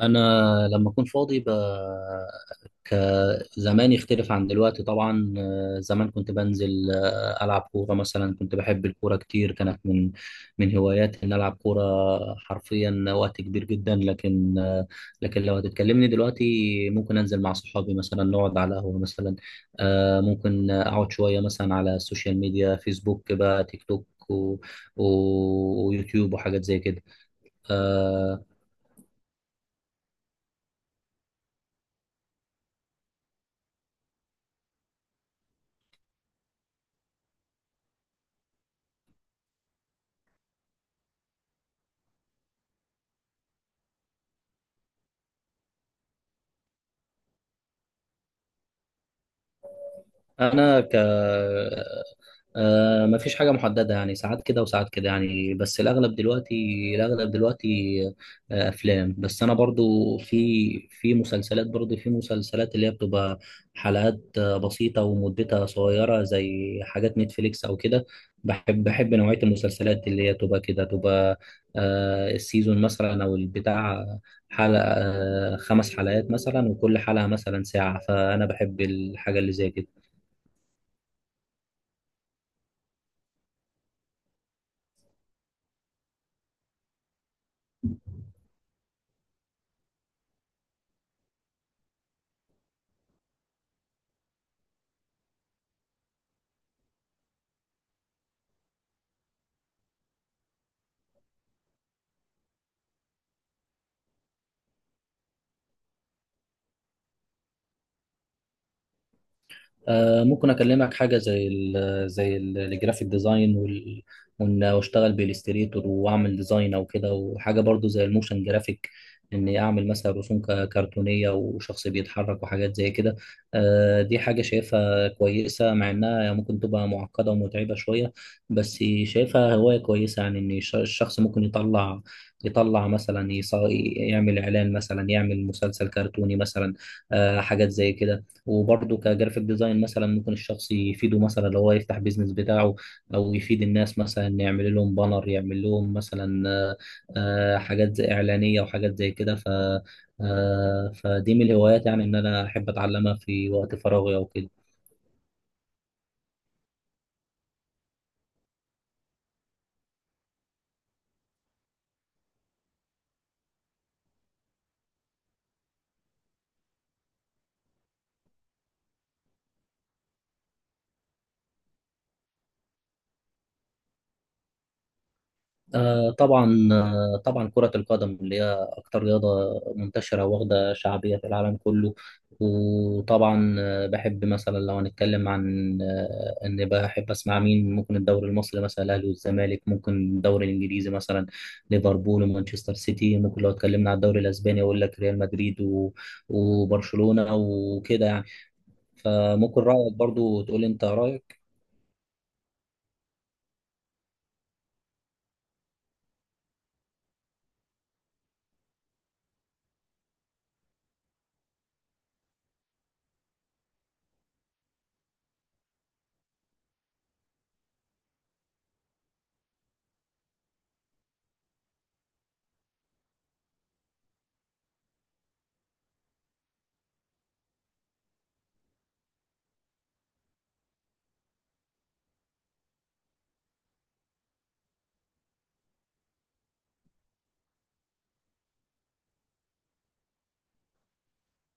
انا لما اكون فاضي ب... ك زمان يختلف عن دلوقتي طبعا. زمان كنت بنزل، العب كوره مثلا. كنت بحب الكوره كتير، كانت من هواياتي ان العب كوره حرفيا وقت كبير جدا. لكن لو هتتكلمني دلوقتي، ممكن انزل مع صحابي مثلا نقعد على قهوه مثلا. ممكن اقعد شويه مثلا على السوشيال ميديا، فيسبوك بقى، تيك توك و ويوتيوب وحاجات زي كده. آه، انا ما فيش حاجه محدده، يعني ساعات كده وساعات كده يعني. بس الاغلب دلوقتي افلام، بس انا برضو في مسلسلات، برضو في مسلسلات اللي هي بتبقى حلقات بسيطه ومدتها صغيره زي حاجات نتفليكس او كده. بحب نوعيه المسلسلات اللي هي تبقى كده، تبقى السيزون مثلا او البتاع، حلقه خمس حلقات مثلا، وكل حلقه مثلا ساعه. فانا بحب الحاجه اللي زي كده. ممكن اكلمك حاجه زي الجرافيك ديزاين، واشتغل بالاستريتور واعمل ديزاين او كده، وحاجه برضو زي الموشن جرافيك. اني اعمل مثلا رسوم كرتونيه وشخص بيتحرك وحاجات زي كده. دي حاجه شايفها كويسه، مع انها ممكن تبقى معقده ومتعبه شويه، بس شايفها هوايه كويسه. يعني ان الشخص ممكن يطلع مثلا يعمل اعلان مثلا، يعمل مسلسل كرتوني مثلا، حاجات زي كده. وبرضه كجرافيك ديزاين مثلا ممكن الشخص يفيده، مثلا لو هو يفتح بيزنس بتاعه، او يفيد الناس مثلا يعمل لهم بانر، يعمل لهم مثلا حاجات زي اعلانيه وحاجات زي كده. ف آه، فدي من الهوايات، يعني ان انا احب اتعلمها في وقت فراغي او كده. آه طبعا كرة القدم اللي هي أكتر رياضة منتشرة واخدة شعبية في العالم كله. وطبعا بحب مثلا، لو هنتكلم عن إن بحب أسمع مين، ممكن الدوري المصري مثلا، الأهلي والزمالك، ممكن الدوري الإنجليزي مثلا، ليفربول ومانشستر سيتي، ممكن لو اتكلمنا عن الدوري الأسباني أقول لك ريال مدريد وبرشلونة وكده يعني. فممكن رأيك، برضو تقول لي أنت رأيك.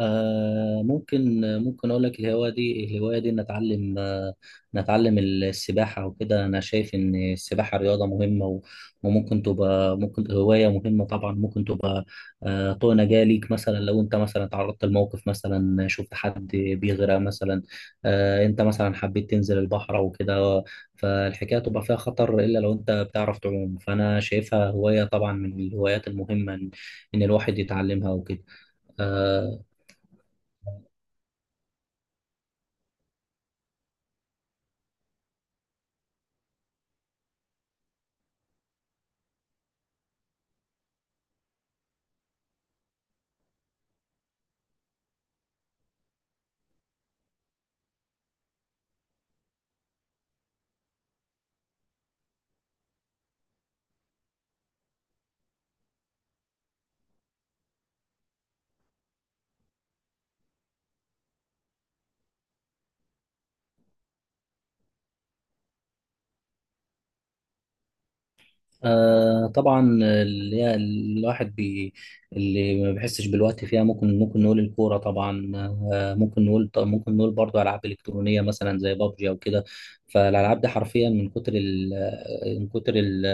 ممكن اقول لك، الهوايه دي نتعلم، نتعلم السباحه وكده. انا شايف ان السباحه رياضه مهمه، وممكن تبقى ممكن هوايه مهمه طبعا. ممكن تبقى طوق نجاه ليك، مثلا لو انت مثلا تعرضت لموقف، مثلا شفت حد بيغرق، مثلا انت مثلا حبيت تنزل البحر او كده، فالحكايه تبقى فيها خطر، الا لو انت بتعرف تعوم. فانا شايفها هوايه، طبعا من الهوايات المهمه، ان الواحد يتعلمها وكده. آه، طبعا اللي هي الواحد اللي ما بيحسش بالوقت فيها، ممكن نقول الكوره طبعا. آه ممكن نقول طب ممكن نقول برضه العاب الكترونيه مثلا، زي بابجي او كده. فالالعاب دي حرفيا من كتر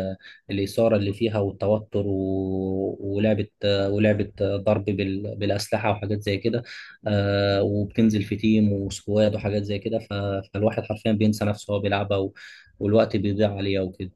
الاثاره اللي فيها والتوتر، ولعبه ضرب بالاسلحه وحاجات زي كده. وبتنزل في تيم وسكواد وحاجات زي كده. فالواحد حرفيا بينسى نفسه وهو بيلعبها، والوقت بيضيع عليها وكده.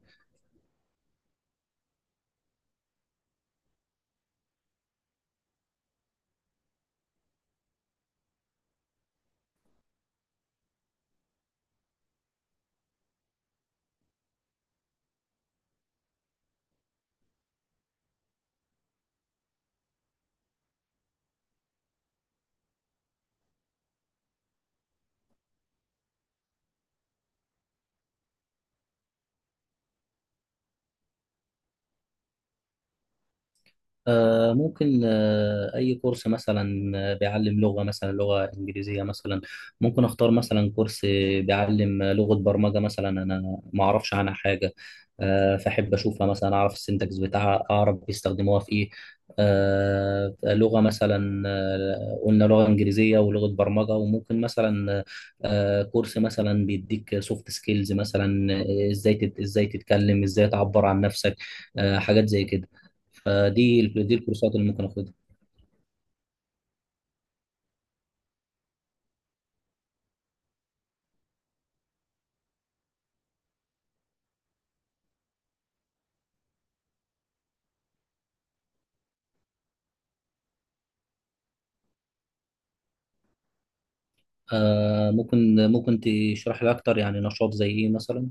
ممكن أي كورس مثلا، بيعلم لغة، مثلا لغة إنجليزية مثلا. ممكن أختار مثلا كورس بيعلم لغة برمجة مثلا، أنا ما أعرفش عنها حاجة. فأحب أشوفها مثلا، أعرف السنتكس بتاعها، أعرف بيستخدموها في إيه. لغة مثلا، قلنا لغة إنجليزية ولغة برمجة، وممكن مثلا كورس مثلا بيديك سوفت سكيلز مثلا. إزاي تتكلم، إزاي تعبر عن نفسك، حاجات زي كده. فدي الكورسات اللي ممكن اخدها. ممكن تشرح لي اكتر. يعني نشاط زي ايه مثلا؟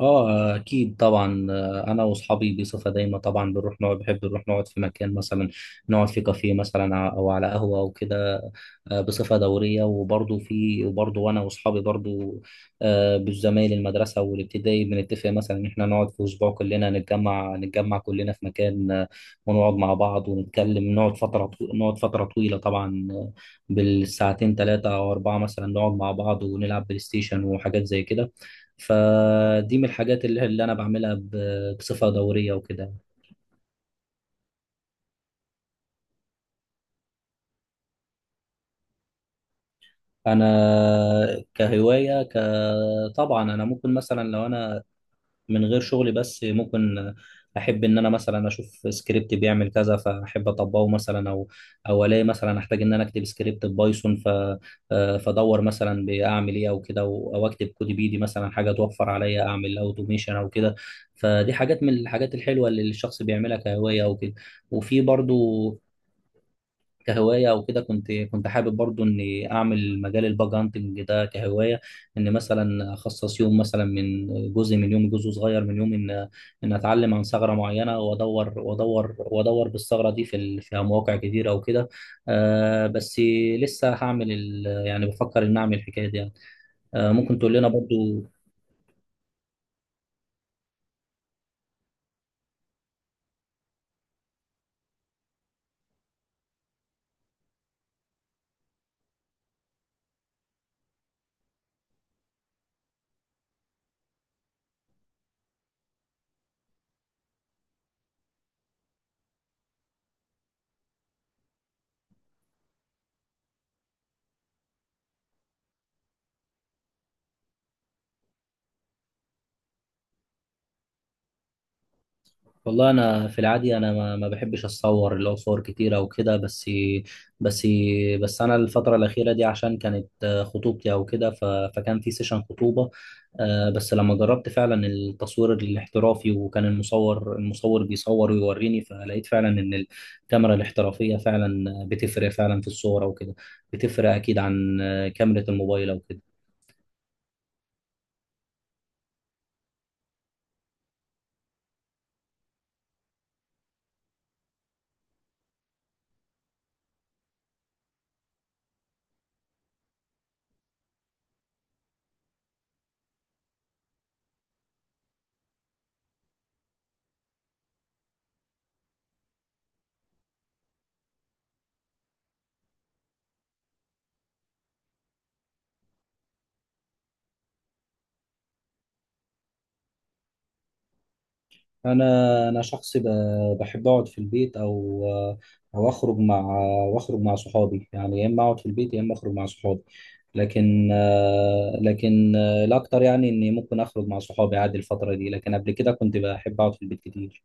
اه اكيد طبعا. انا واصحابي بصفه دايمه طبعا بنروح نقعد، بحب نروح نقعد في مكان مثلا، نقعد في كافيه مثلا او على قهوه او كده بصفه دوريه. وبرضه وانا واصحابي برضه بالزمايل المدرسه والابتدائي، بنتفق مثلا ان احنا نقعد في اسبوع كلنا، نتجمع كلنا في مكان، ونقعد مع بعض ونتكلم. نقعد فتره طويله طبعا، بالساعتين، ثلاثه او اربعه مثلا، نقعد مع بعض ونلعب بلاي ستيشن وحاجات زي كده. فدي من الحاجات اللي انا بعملها بصفه دوريه وكده. انا كهوايه طبعا انا ممكن مثلا، لو انا من غير شغلي بس، ممكن احب ان انا مثلا اشوف سكريبت بيعمل كذا فاحب اطبقه مثلا، او الاقي مثلا احتاج ان انا اكتب سكريبت بايثون. ف آه، فادور مثلا باعمل ايه او كده، او اكتب كود بايدي، مثلا حاجه توفر عليا، اعمل اوتوميشن او كده. فدي حاجات من الحاجات الحلوه اللي الشخص بيعملها كهوايه او كده. وفي برضو كهوايه او كده، كنت حابب برضو اني اعمل مجال الباج هانتنج ده كهوايه. ان مثلا اخصص يوم، مثلا جزء من يوم، جزء صغير من يوم، ان اتعلم عن ثغره معينه، وادور وادور وادور بالثغره دي في مواقع كتيره او كده. بس لسه هعمل يعني بفكر ان اعمل الحكايه دي يعني. ممكن تقول لنا برضو. والله انا في العادي انا ما بحبش اتصور، اللي هو صور كتيره وكده. بس بس انا الفتره الاخيره دي، عشان كانت خطوبتي او كده، فكان في سيشن خطوبه. بس لما جربت فعلا التصوير الاحترافي، وكان المصور بيصور ويوريني، فلقيت فعلا ان الكاميرا الاحترافيه فعلا بتفرق فعلا في الصوره وكده، بتفرق اكيد عن كاميرا الموبايل او كده. انا شخص بحب اقعد في البيت، او او اخرج مع واخرج مع صحابي. يعني يا اما اقعد في البيت يا اما اخرج مع صحابي. لكن الاكتر يعني اني ممكن اخرج مع صحابي عادي الفتره دي، لكن قبل كده كنت بحب اقعد في البيت كتير.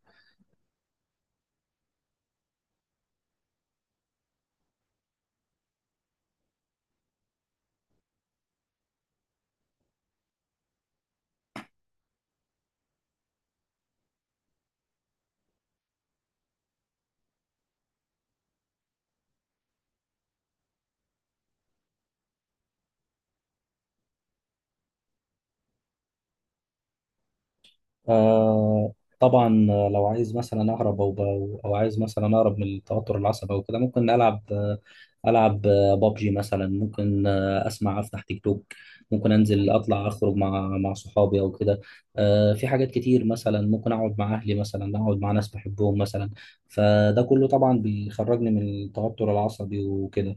آه طبعا، لو عايز مثلا اهرب، او عايز مثلا اهرب من التوتر العصبي او كده، ممكن العب العب بابجي مثلا. ممكن اسمع، افتح تيك توك. ممكن انزل، اطلع، اخرج مع صحابي او كده. في حاجات كتير مثلا، ممكن اقعد مع اهلي مثلا، اقعد مع ناس بحبهم مثلا. فده كله طبعا بيخرجني من التوتر العصبي وكده.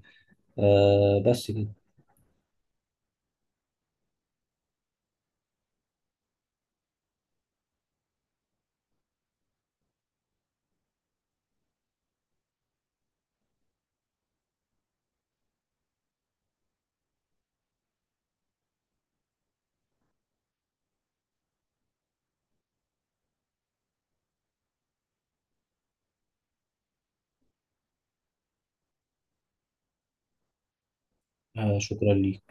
بس كده. شكرا لي.